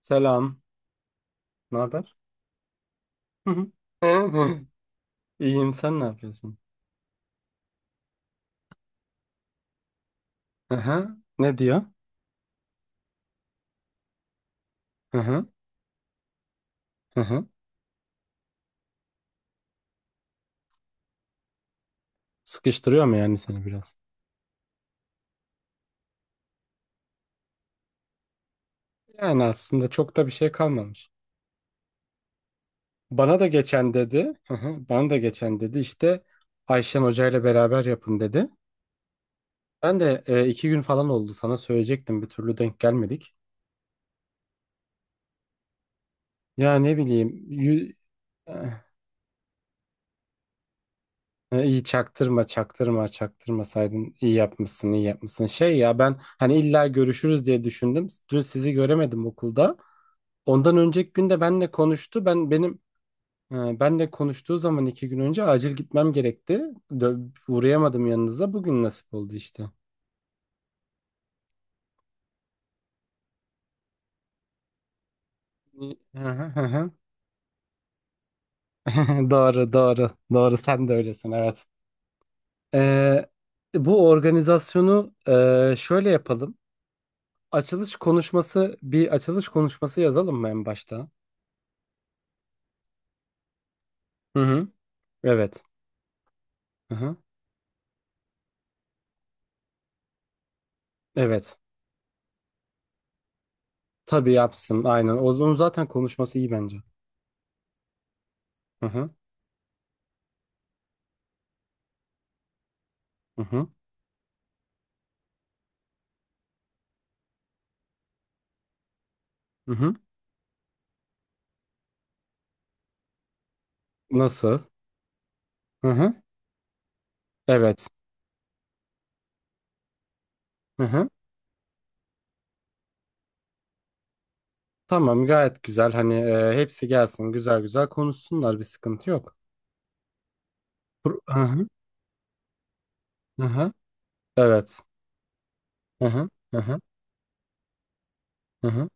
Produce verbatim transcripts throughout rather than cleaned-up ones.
Selam. Ne haber? İyiyim. Sen ne yapıyorsun? Aha. Ne diyor? Aha. Aha. Sıkıştırıyor mu yani seni biraz? Yani aslında çok da bir şey kalmamış. Bana da geçen dedi. Aha. Bana da geçen dedi. İşte Ayşen Hoca ile beraber yapın dedi. Ben de e, iki gün falan oldu sana söyleyecektim. Bir türlü denk gelmedik. Ya ne bileyim. Yü... E, İyi çaktırma çaktırma çaktırmasaydın iyi yapmışsın iyi yapmışsın. Şey ya ben hani illa görüşürüz diye düşündüm. Dün sizi göremedim okulda. Ondan önceki gün de benle konuştu. Ben benim e, benle konuştuğu zaman iki gün önce acil gitmem gerekti. Dö- uğrayamadım yanınıza. Bugün nasip oldu işte. Hı hı hı hı. Doğru doğru doğru sen de öylesin evet. Ee, Bu organizasyonu e, şöyle yapalım. Açılış konuşması bir açılış konuşması yazalım mı en başta? Hı hı. Evet. Hı hı. Evet. Tabii yapsın. Aynen. O- Onun zaten konuşması iyi bence. Hı hı. Hı hı. Hı hı. Nasıl? Hı hı. Evet. Hı hı. Tamam, gayet güzel. Hani e, hepsi gelsin, güzel güzel konuşsunlar, bir sıkıntı yok. Pro- Hı hı. Hı hı. Evet. Hı hı. Hı hı. Hı hı.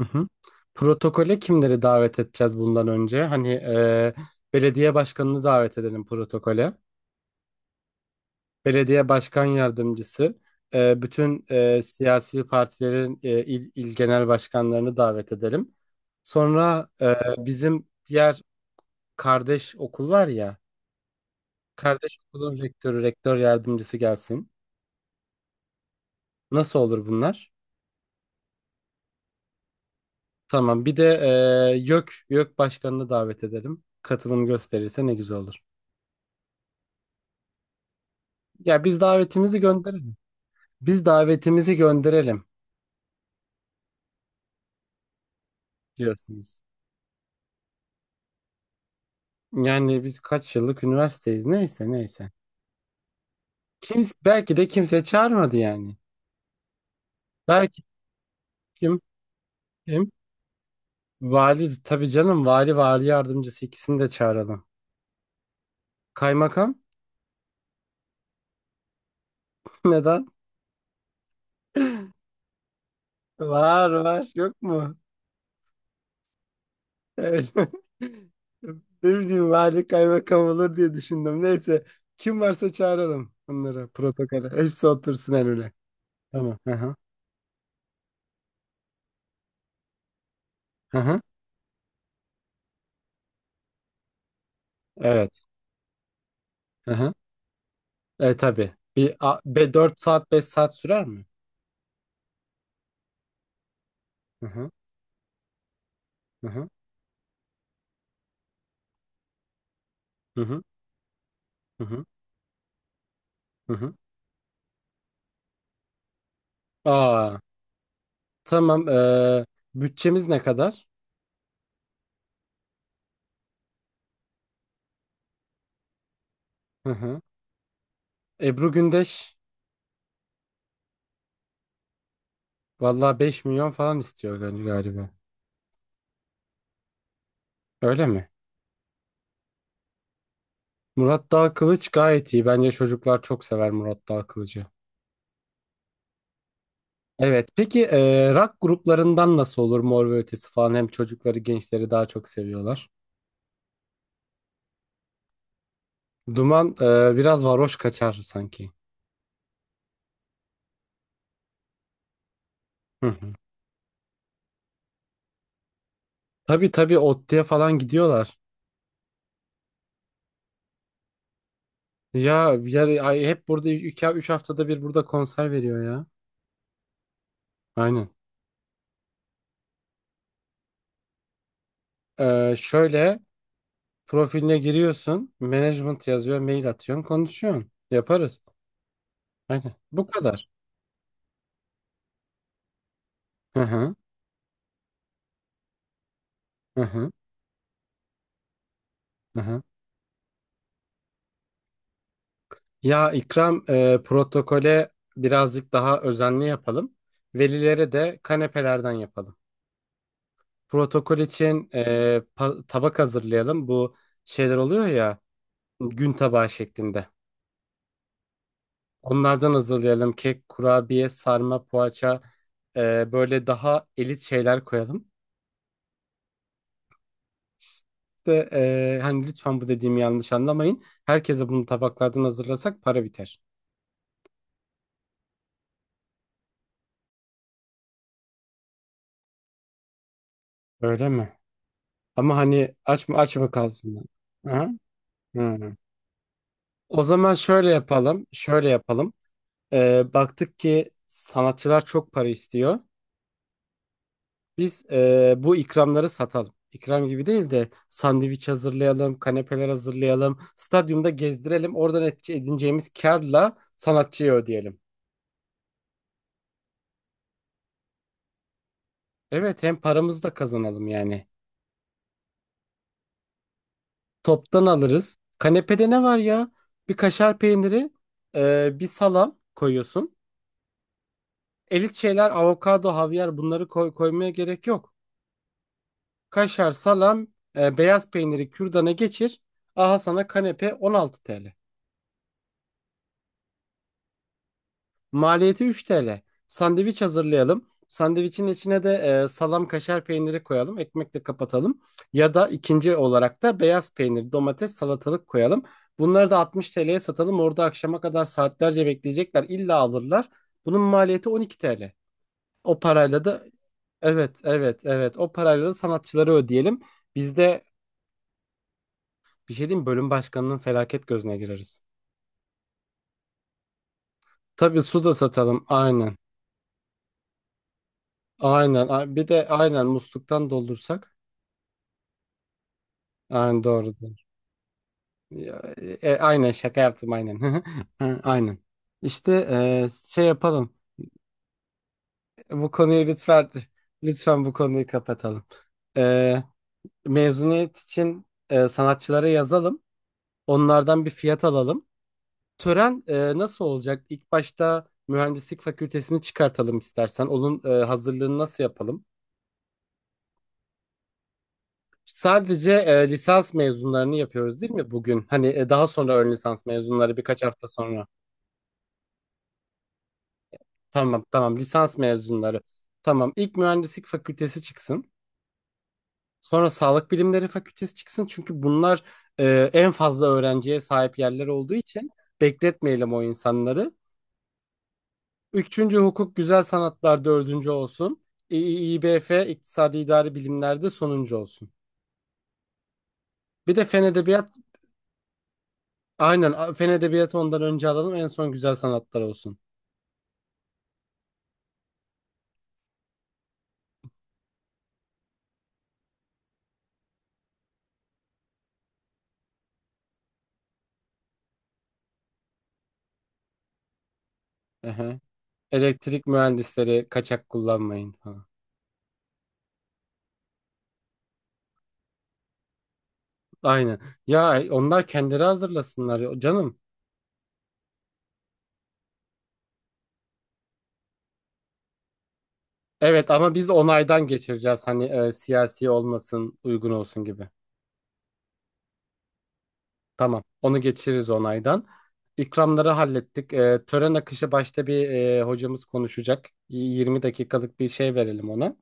Hı hı. Protokole kimleri davet edeceğiz bundan önce? Hani e, belediye başkanını davet edelim protokole. Belediye başkan yardımcısı, e, bütün e, siyasi partilerin e, il, il genel başkanlarını davet edelim. Sonra e, bizim diğer kardeş okul var ya, kardeş okulun rektörü, rektör yardımcısı gelsin. Nasıl olur bunlar? Tamam. Bir de e, YÖK, YÖK başkanını davet edelim. Katılım gösterirse ne güzel olur. Ya biz davetimizi gönderelim. Biz davetimizi gönderelim diyorsunuz. Yani biz kaç yıllık üniversiteyiz? Neyse neyse. Kimse, belki de kimse çağırmadı yani. Belki kim? Kim? Vali tabii canım, vali, vali yardımcısı, ikisini de çağıralım. Kaymakam? Neden? Var var, yok mu? Öyle. Ne bileyim, vali kaymakam olur diye düşündüm. Neyse, kim varsa çağıralım bunları protokole. Hepsi otursun en öne. Tamam. Hı hı. Hı hı. Evet. Hı hı. E tabii. Bir a, be dört saat beş saat sürer mi? Hı hı. Hı hı. Hı hı. Hı hı. Hı hı. Aa, tamam. Eee, bütçemiz ne kadar? Hı hı. Ebru Gündeş vallahi beş milyon falan istiyor gal- galiba. Öyle mi? Murat Dağ Kılıç gayet iyi. Bence çocuklar çok sever Murat Dağ Kılıcı. Evet. Peki eee rock gruplarından nasıl olur, Mor ve Ötesi falan? Hem çocukları, gençleri daha çok seviyorlar. Duman eee, biraz varoş kaçar sanki. Hı hı. Tabii tabii Otti'ye falan gidiyorlar. Ya, ya ay, hep burada iki üç haftada bir burada konser veriyor ya. Aynen. Ee, şöyle, profiline giriyorsun, management yazıyor, mail atıyorsun, konuşuyorsun. Yaparız. Aynen. Bu kadar. Hı hı, hı hı, hı hı. Ya İkram e, protokole birazcık daha özenli yapalım. Velilere de kanepelerden yapalım. Protokol için e, pa- tabak hazırlayalım. Bu şeyler oluyor ya, gün tabağı şeklinde. Onlardan hazırlayalım. Kek, kurabiye, sarma, poğaça, e, böyle daha elit şeyler koyalım. İşte eee, hani lütfen bu dediğimi yanlış anlamayın. Herkese bunu tabaklardan hazırlasak para biter. Öyle mi? Ama hani aç mı aç mı kalsınlar? Aha. Hı. O zaman şöyle yapalım. Şöyle yapalım. Eee, baktık ki sanatçılar çok para istiyor. Biz eee, bu ikramları satalım. İkram gibi değil de sandviç hazırlayalım, kanepeler hazırlayalım, stadyumda gezdirelim. Oradan et- edineceğimiz karla sanatçıya ödeyelim. Evet, hem paramızı da kazanalım yani. Toptan alırız. Kanepede ne var ya? Bir kaşar peyniri, e, bir salam koyuyorsun. Elit şeyler avokado, havyar, bunları koy, koymaya gerek yok. Kaşar, salam, e, beyaz peyniri kürdana geçir. Aha sana kanepe on altı T L. Maliyeti üç T L. Sandviç hazırlayalım. Sandviçin içine de e, salam, kaşar peyniri koyalım. Ekmekle kapatalım. Ya da ikinci olarak da beyaz peynir, domates, salatalık koyalım. Bunları da altmış T L'ye satalım. Orada akşama kadar saatlerce bekleyecekler. İlla alırlar. Bunun maliyeti on iki T L. O parayla da, evet evet evet, o parayla da sanatçıları ödeyelim. Biz de, bir şey diyeyim mi, bölüm başkanının felaket gözüne gireriz. Tabii su da satalım aynen. Aynen. A- Bir de aynen musluktan doldursak. Aynen doğrudur. Ya, e, e, aynen şaka yaptım aynen. Ha, aynen. İşte e, şey yapalım. Bu konuyu lütfen, lütfen bu konuyu kapatalım. E, mezuniyet için e, sanatçılara yazalım. Onlardan bir fiyat alalım. Tören e, nasıl olacak? İlk başta mühendislik fakültesini çıkartalım istersen. Onun e, hazırlığını nasıl yapalım? Sadece e, lisans mezunlarını yapıyoruz değil mi bugün? Hani e, daha sonra ön lisans mezunları birkaç hafta sonra. Tamam tamam, lisans mezunları. Tamam, ilk mühendislik fakültesi çıksın. Sonra sağlık bilimleri fakültesi çıksın. Çünkü bunlar e, en fazla öğrenciye sahip yerler olduğu için bekletmeyelim o insanları. Üçüncü hukuk, güzel sanatlar dördüncü olsun. İ- İBF, iktisadi idari bilimlerde sonuncu olsun. Bir de fen edebiyat, aynen, a- fen edebiyatı ondan önce alalım, en son güzel sanatlar olsun. Ehe. Elektrik mühendisleri kaçak kullanmayın. Ha. Aynen. Ya onlar kendileri hazırlasınlar ya canım. Evet ama biz onaydan geçireceğiz, hani e, siyasi olmasın, uygun olsun gibi. Tamam. Onu geçiririz onaydan. İkramları hallettik. E, tören akışı, başta bir e, hocamız konuşacak. Y- yirmi dakikalık bir şey verelim ona.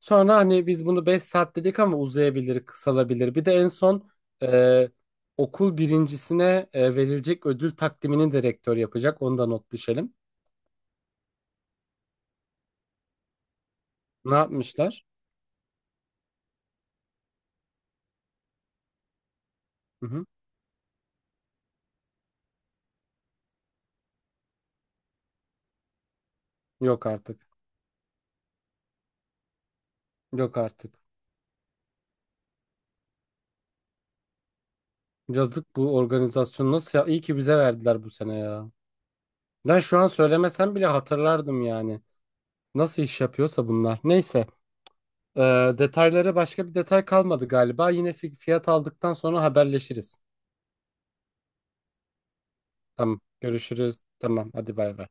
Sonra hani biz bunu beş saat dedik ama uzayabilir, kısalabilir. Bir de en son e, okul birincisine e, verilecek ödül takdimini de rektör yapacak. Onu da not düşelim. Ne yapmışlar? Hı hı. Yok artık. Yok artık. Yazık, bu organizasyon nasıl ya? İyi ki bize verdiler bu sene ya. Ben şu an söylemesem bile hatırlardım yani. Nasıl iş yapıyorsa bunlar. Neyse. Ee, detayları, başka bir detay kalmadı galiba. Yine fi- fiyat aldıktan sonra haberleşiriz. Tamam. Görüşürüz. Tamam. Hadi bay bay.